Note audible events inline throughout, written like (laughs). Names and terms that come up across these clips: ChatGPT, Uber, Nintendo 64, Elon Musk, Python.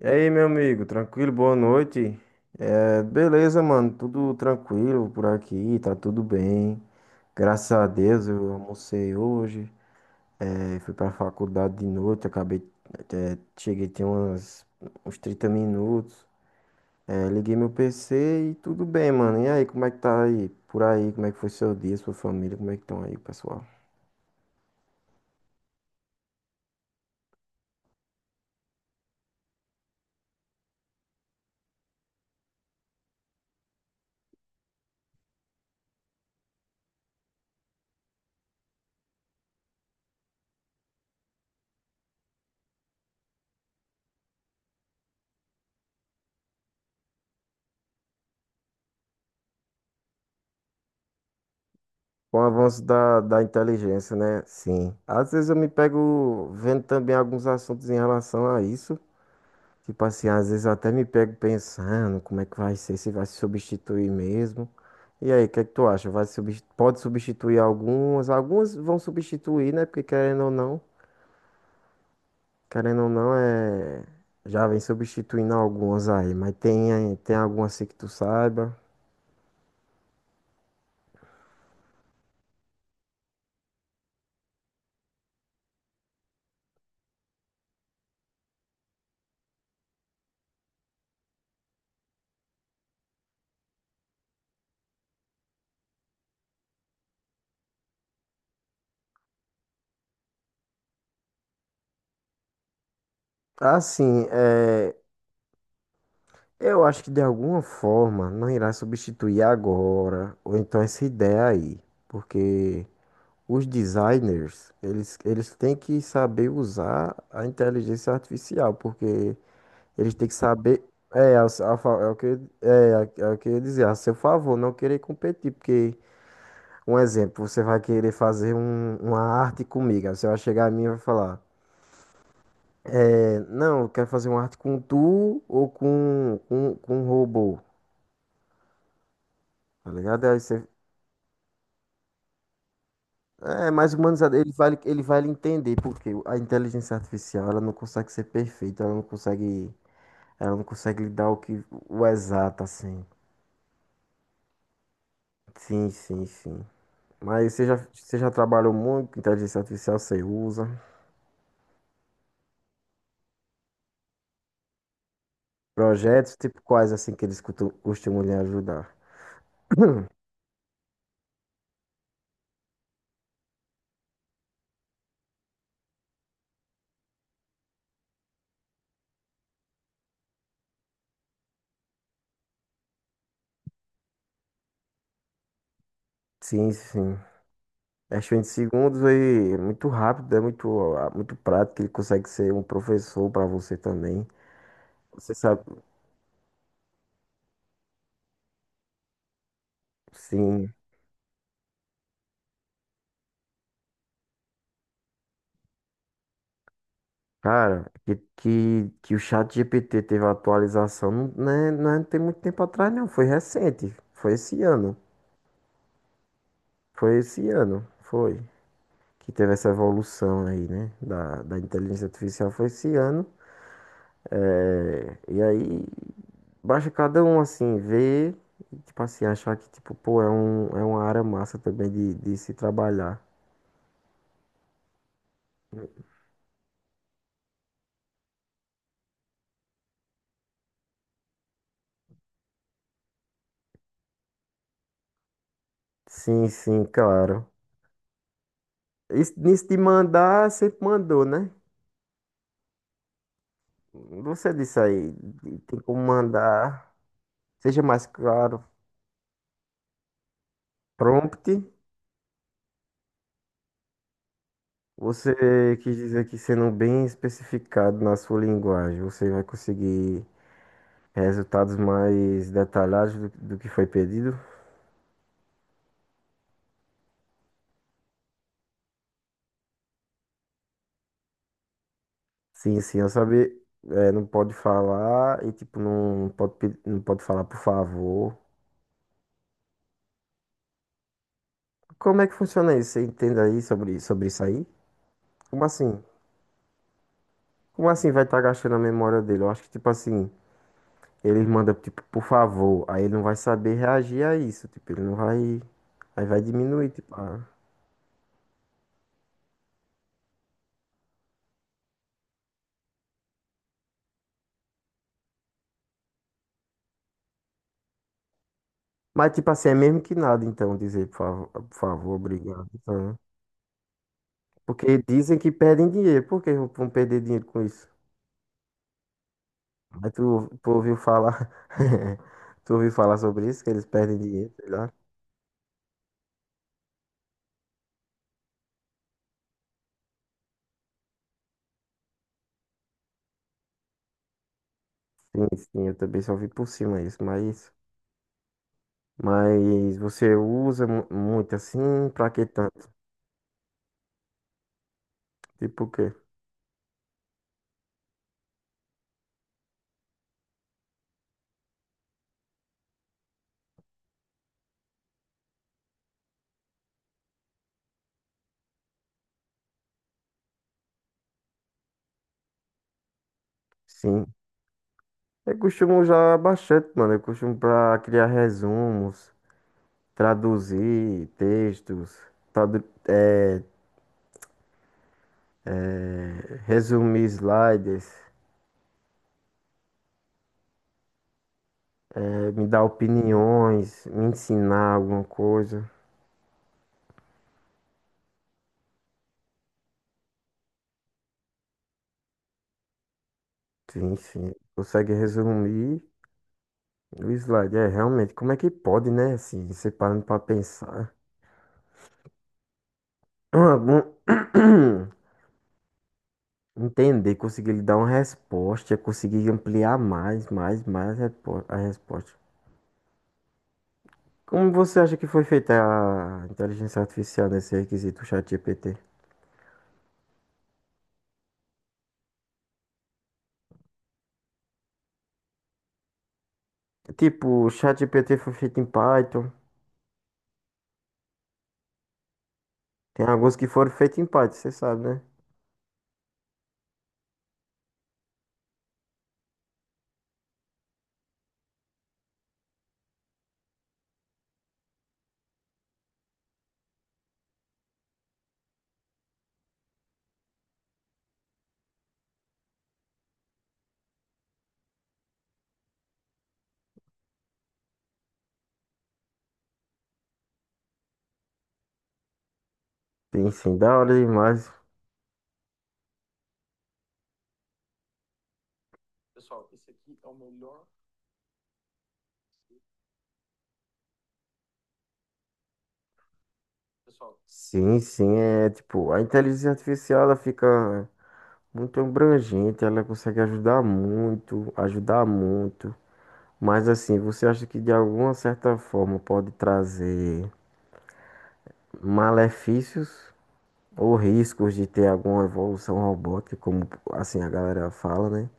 E aí, meu amigo, tranquilo? Boa noite. Beleza, mano, tudo tranquilo por aqui, tá tudo bem. Graças a Deus, eu almocei hoje. Fui pra faculdade de noite, acabei, cheguei tem umas, uns 30 minutos. Liguei meu PC e tudo bem, mano. E aí, como é que tá aí? Por aí, como é que foi seu dia, sua família, como é que estão aí, pessoal? Com o avanço da inteligência, né? Sim. Às vezes eu me pego vendo também alguns assuntos em relação a isso. Tipo assim, às vezes eu até me pego pensando como é que vai ser, se vai se substituir mesmo. E aí, o que é que tu acha? Pode substituir algumas, algumas vão substituir, né? Porque querendo ou não, já vem substituindo algumas aí, mas tem, tem algumas assim que tu saiba. Assim, eu acho que de alguma forma não irá substituir agora, ou então essa ideia aí, porque. Os designers, eles têm que saber usar a inteligência artificial, porque eles têm que saber. É, a fa- é o que, é, é é o que eu ia dizer, a seu favor, não querer competir, porque, um exemplo, você vai querer uma arte comigo, aí você vai chegar a mim e vai falar, não, eu quero fazer uma arte com tu ou com um robô, tá ligado? Mais humanizado, ele vai lhe entender, porque a inteligência artificial, ela não consegue ser perfeita, ela não consegue. Ela não consegue lhe dar o exato assim. Sim, sim, sim. Mas você já trabalhou muito com inteligência artificial, você usa. Projetos tipo quais assim que eles costumam lhe ajudar? (coughs) (clears throat) Sim, sim. Acho que em segundos aí é muito rápido, é muito, ah, muito prático, ele consegue ser um professor para você também. Você sabe, sim. Cara, que o chat GPT teve a atualização, não, né, não tem muito tempo atrás, não. Foi recente, foi esse ano. Foi esse ano, foi. Que teve essa evolução aí, né? Da inteligência artificial foi esse ano. É, e aí, basta cada um, assim, ver e, tipo assim, achar que, tipo, pô, é uma área massa também de se trabalhar. Sim, sim, claro. Isso, nisso de mandar, sempre mandou, né? Você disse aí, tem como mandar, seja mais claro, prompt. Você quis dizer que sendo bem especificado na sua linguagem, você vai conseguir resultados mais detalhados do que foi pedido? Sim, sim, eu sabia. Não pode falar e tipo, não pode falar por favor. Como é que funciona isso? Você entende aí sobre isso aí? Como assim? Como assim vai estar gastando a memória dele? Eu acho que tipo assim, ele manda tipo, por favor, aí ele não vai saber reagir a isso, tipo, ele não vai. Aí vai diminuir, tipo. Mas, tipo assim, é mesmo que nada, então, dizer, por favor, obrigado. Então, né? Porque dizem que perdem dinheiro. Por que vão perder dinheiro com isso? Mas tu ouviu falar. (laughs) Tu ouviu falar sobre isso, que eles perdem dinheiro, sei lá. Sim, sim, eu também só vi por cima isso, mas. Mas você usa muito assim, pra que tanto? Tipo o quê? Sim. Eu costumo usar bastante, mano. Eu costumo pra criar resumos, traduzir textos, tradu eh, resumir slides, me dar opiniões, me ensinar alguma coisa. Sim, sim. Consegue resumir o slide. É, realmente, como é que pode, né? Assim, você parando pra pensar. (clears throat) Entender, conseguir lhe dar uma resposta, conseguir ampliar mais a resposta. Como você acha que foi feita a inteligência artificial nesse requisito ChatGPT? Tipo, o ChatGPT foi feito em Python. Tem alguns que foram feitos em Python, você sabe, né? Sim, sim, da hora demais. Sim, sim, é tipo, a inteligência artificial ela fica muito abrangente, ela consegue ajudar muito, ajudar muito. Mas assim, você acha que de alguma certa forma pode trazer malefícios ou riscos de ter alguma evolução robótica, como assim a galera fala, né?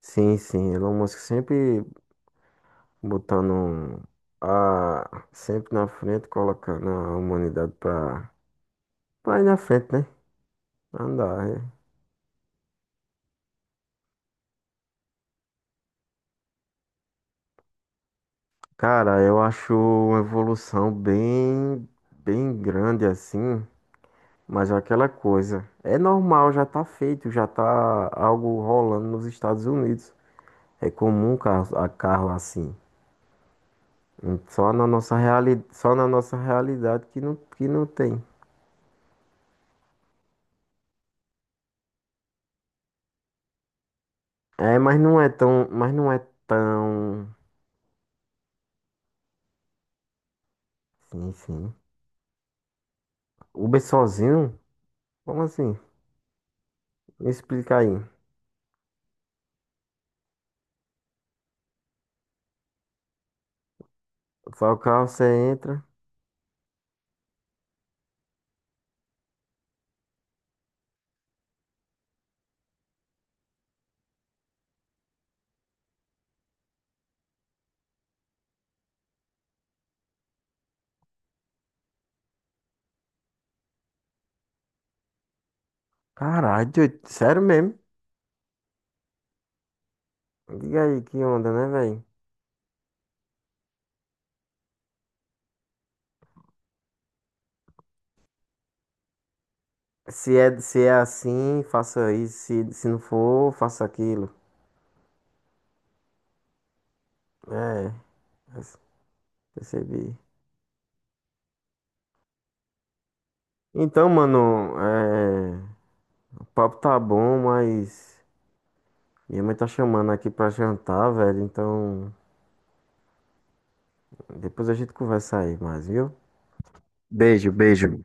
Sim, sim, Elon Musk sempre botando a sempre na frente, colocando a humanidade pra, pra ir na frente, né? Andar, né? Cara, eu acho uma evolução bem grande assim, mas é aquela coisa, é normal, já tá feito, já tá algo rolando nos Estados Unidos. É comum carro, a carro assim. Só na só na nossa realidade que não tem. É, mas não é tão, mas não é tão, Sim, sim. Uber sozinho? Como assim? Me explica aí. Só o carro você entra. Caralho, doido, sério mesmo? Diga aí que onda, né, velho? Se é assim, faça isso. Se não for, faça aquilo. É, percebi. Então, mano, o papo tá bom, mas minha mãe tá chamando aqui pra jantar, velho. Então, depois a gente conversa aí mais, viu? Beijo, beijo.